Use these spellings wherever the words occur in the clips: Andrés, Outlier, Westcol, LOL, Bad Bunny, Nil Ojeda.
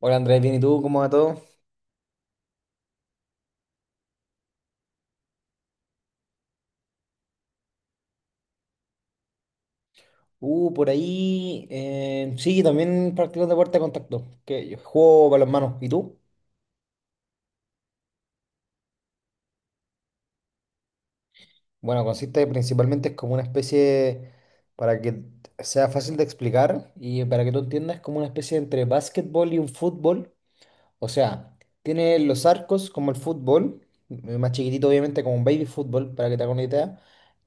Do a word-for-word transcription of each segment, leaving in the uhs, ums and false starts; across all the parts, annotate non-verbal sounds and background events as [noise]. Hola Andrés, bien, ¿y tú? ¿Cómo va todo? Uh, por ahí, eh, sí, también practico deporte de contacto, que yo juego balonmano. ¿Y tú? Bueno, consiste principalmente es como una especie, para que sea fácil de explicar y para que tú entiendas, como una especie entre básquetbol y un fútbol. O sea, tiene los arcos como el fútbol, m- más chiquitito obviamente como un baby fútbol, para que te hagas una idea.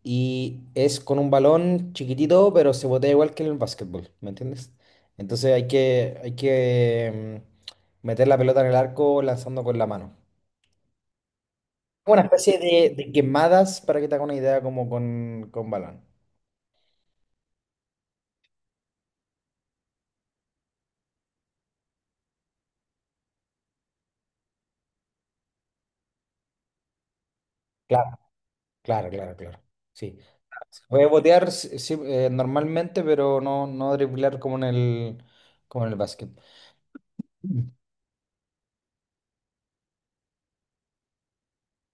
Y es con un balón chiquitito, pero se botea igual que en el básquetbol, ¿me entiendes? Entonces hay que, hay que mm, meter la pelota en el arco lanzando con la mano. Una especie de, de quemadas, para que te hagas una idea, como con, con balón. Claro, claro, claro, claro. Sí. Voy a botear, sí, sí, eh, normalmente, pero no, no driblar como en el, como en el básquet.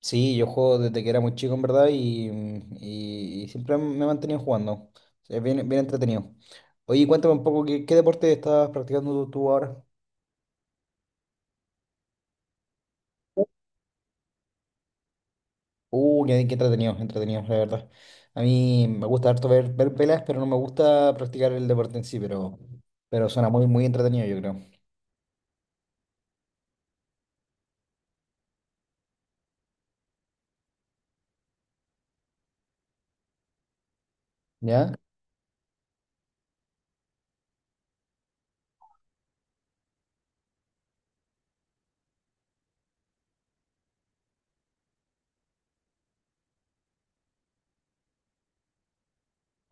Sí, yo juego desde que era muy chico, en verdad, y, mm, y- y siempre me he mantenido jugando. Es bien, bien entretenido. Oye, cuéntame un poco, ¿qué, ¿qué deporte estás practicando tú, tú ahora? Uh, qué, qué entretenido, entretenido, la verdad. A mí me gusta harto ver, ver peleas, pero no me gusta practicar el deporte en sí, pero, pero suena muy, muy entretenido, yo creo. ¿Ya?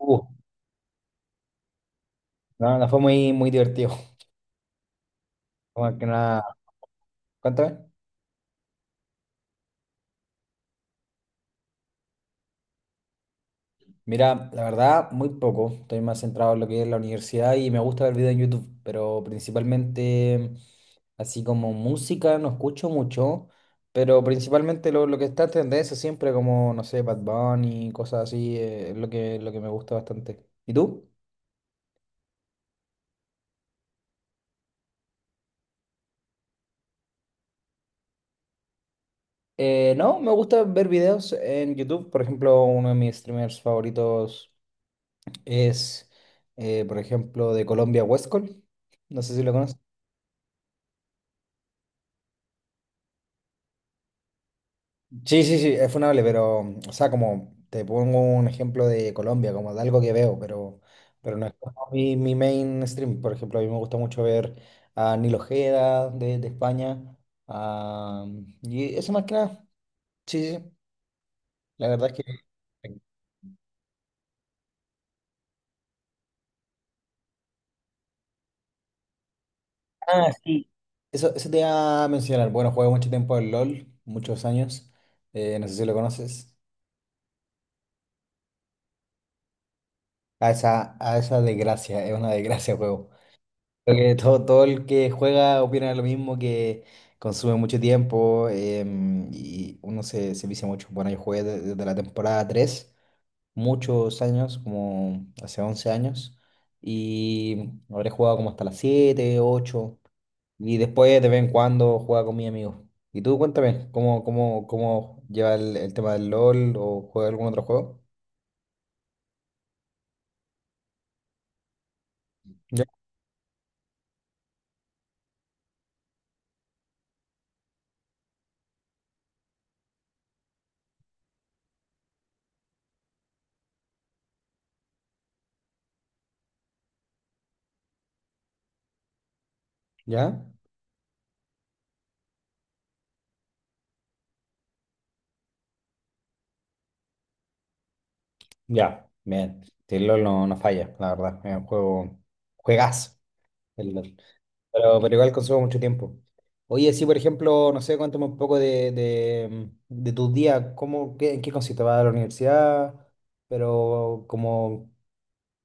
Uh, no, no fue muy, muy divertido. [laughs] Más que nada, cuéntame. Mira, la verdad, muy poco. Estoy más centrado en lo que es la universidad y me gusta ver videos en YouTube, pero principalmente así como música no escucho mucho, pero principalmente lo, lo que está en tendencia siempre como, no sé, Bad Bunny, cosas así, eh, es lo que, lo que me gusta bastante. ¿Y tú? Eh, no, me gusta ver videos en YouTube. Por ejemplo, uno de mis streamers favoritos es, eh, por ejemplo, de Colombia, Westcol. No sé si lo conoces. Sí, sí, sí, es funable, pero, o sea, como te pongo un ejemplo de Colombia, como de algo que veo, pero, pero no es como mi, mi mainstream. Por ejemplo, a mí me gusta mucho ver a Nil Ojeda de, de España. A Y eso más que nada, sí, sí, sí, la verdad es que... Ah, sí. Eso, eso te iba a mencionar. Bueno, jugué mucho tiempo al LOL, muchos años. eh, no sé si lo conoces. A esa, a esa desgracia, es una desgracia el juego. Creo que todo, todo el que juega opina lo mismo, que consume mucho tiempo, em, y uno se, se vicia mucho. Bueno, yo jugué de- desde la temporada tres muchos años, como hace once años, y habré jugado como hasta las siete ocho y después de vez en cuando jugaba con mis amigos. Y tú cuéntame, ¿cómo, cómo, ¿cómo lleva el, el tema del LOL o juega algún otro juego? ¿Ya? ¿Ya? Ya, bien. Sí, el LOL no, no falla, la verdad, es un juego, juegazo. El LOL. Pero, pero igual consumo mucho tiempo. Oye, sí, por ejemplo, no sé, cuéntame un poco de, de, de tus días, cómo, qué, en qué consiste, vas a la universidad, pero como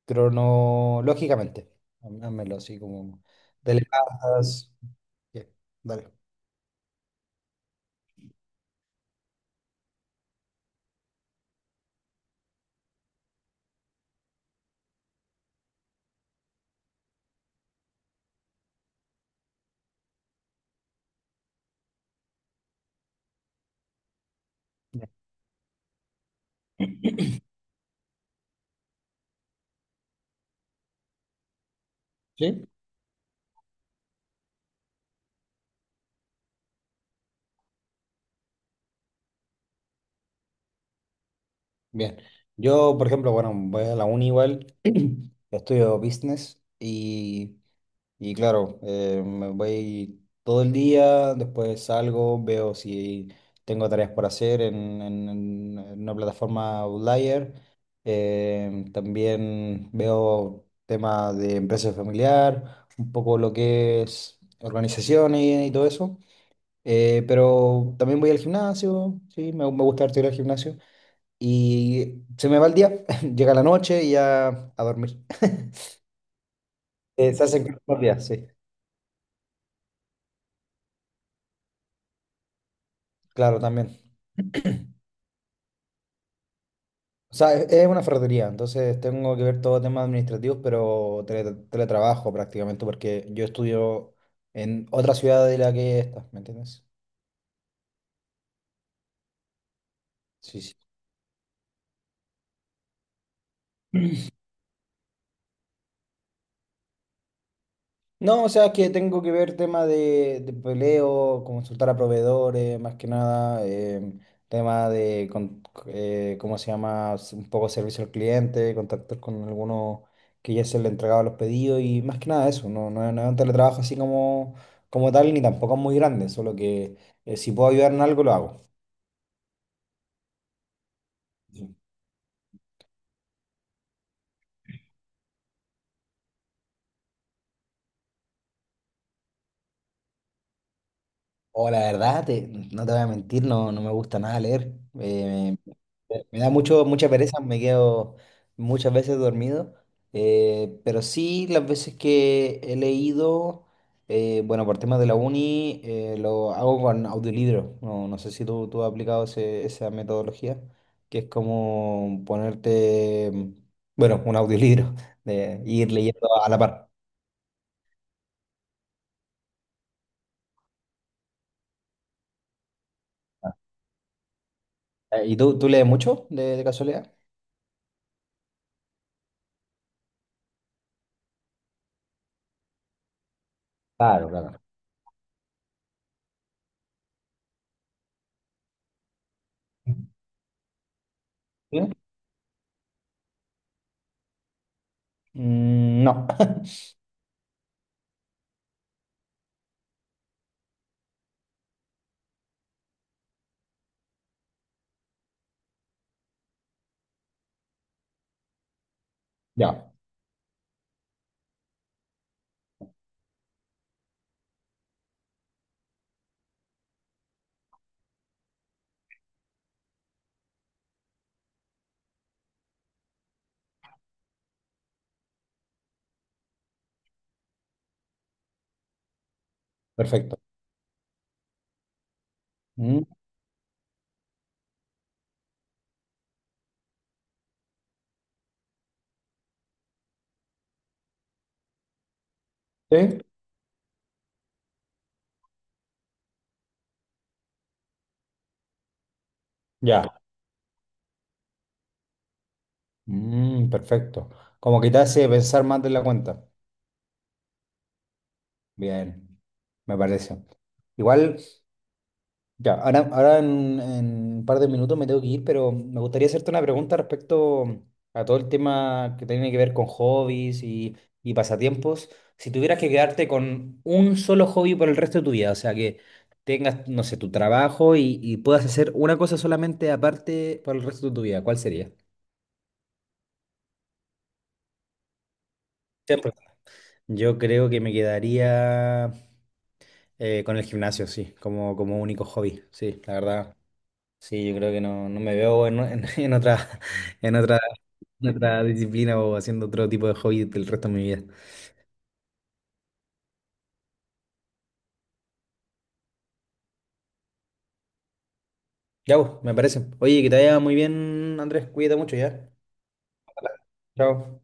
cronológicamente, há- házmelo así como, te levantas, bien, dale. Ya. ¿Sí? Bien. Yo, por ejemplo, bueno, voy a la uni igual, [clears throat] estudio business y... Y claro, eh, me voy todo el día, después salgo, veo si tengo tareas por hacer en, en- en- en una plataforma Outlier. Eh, también veo temas de empresa familiar, un poco lo que es organizaciones y, y todo eso. Eh, pero también voy al gimnasio, sí, me, me gusta harto ir al gimnasio. Y se me va el día, [laughs] llega la noche y ya a dormir. [laughs] Eh, se hacen cortos los días, sí, claro, también. O sea, es es una ferretería, entonces tengo que ver todo temas administrativos, pero tele- teletrabajo prácticamente, porque yo estudio en otra ciudad de la que esta, ¿me entiendes? Sí, sí. No, o sea, que tengo que ver tema de, de peleo, consultar a proveedores, más que nada, em, tema de, con- eh, ¿cómo se llama? S- Un poco servicio al cliente, contactos con algunos que ya se le entregaba los pedidos y más que nada eso, no, no, no es un teletrabajo así como, como tal ni tampoco es muy grande, solo que eh, si puedo ayudar en algo lo hago. O la verdad, te- no te voy a mentir, no, no me gusta nada leer. Me me da mucho, mucha pereza, me quedo muchas veces dormido, eh, pero sí las veces que he leído, eh, bueno, por temas de la uni, eh, lo hago con audiolibro. No, no sé si tú, tú has aplicado ese- esa metodología, que es como ponerte, mm, bueno, un audiolibro, [laughs] de ir leyendo a la par. Ah. Eh, ¿Y tú, tú lees mucho de, de casualidad? Claro, claro. ¿Sí? Mm, no. [laughs] Ya, perfecto. Mm, sí, ya. Mm, perfecto. Como que te hace pensar más de la cuenta. Bien, me parece. Igual, ya, ahora, ahora en, en un par de minutos me tengo que ir, pero me gustaría hacerte una pregunta respecto a todo el tema que tiene que ver con hobbies y, y pasatiempos. Si tuvieras que quedarte con un solo hobby por el resto de tu vida, o sea, que tengas, no sé, tu trabajo y, y puedas hacer una cosa solamente aparte por el resto de tu vida, ¿cuál sería? Siempre. Yo creo que me quedaría. Eh, con el gimnasio, sí, como, como único hobby, sí, la verdad. Sí, yo creo que no, no me veo en, en- [laughs] en otra, en otra, en otra disciplina o haciendo otro tipo de hobby del resto de mi vida. Ya, pues, me parece. Oye, que te vaya muy bien, Andrés, cuídate mucho ya. Chao.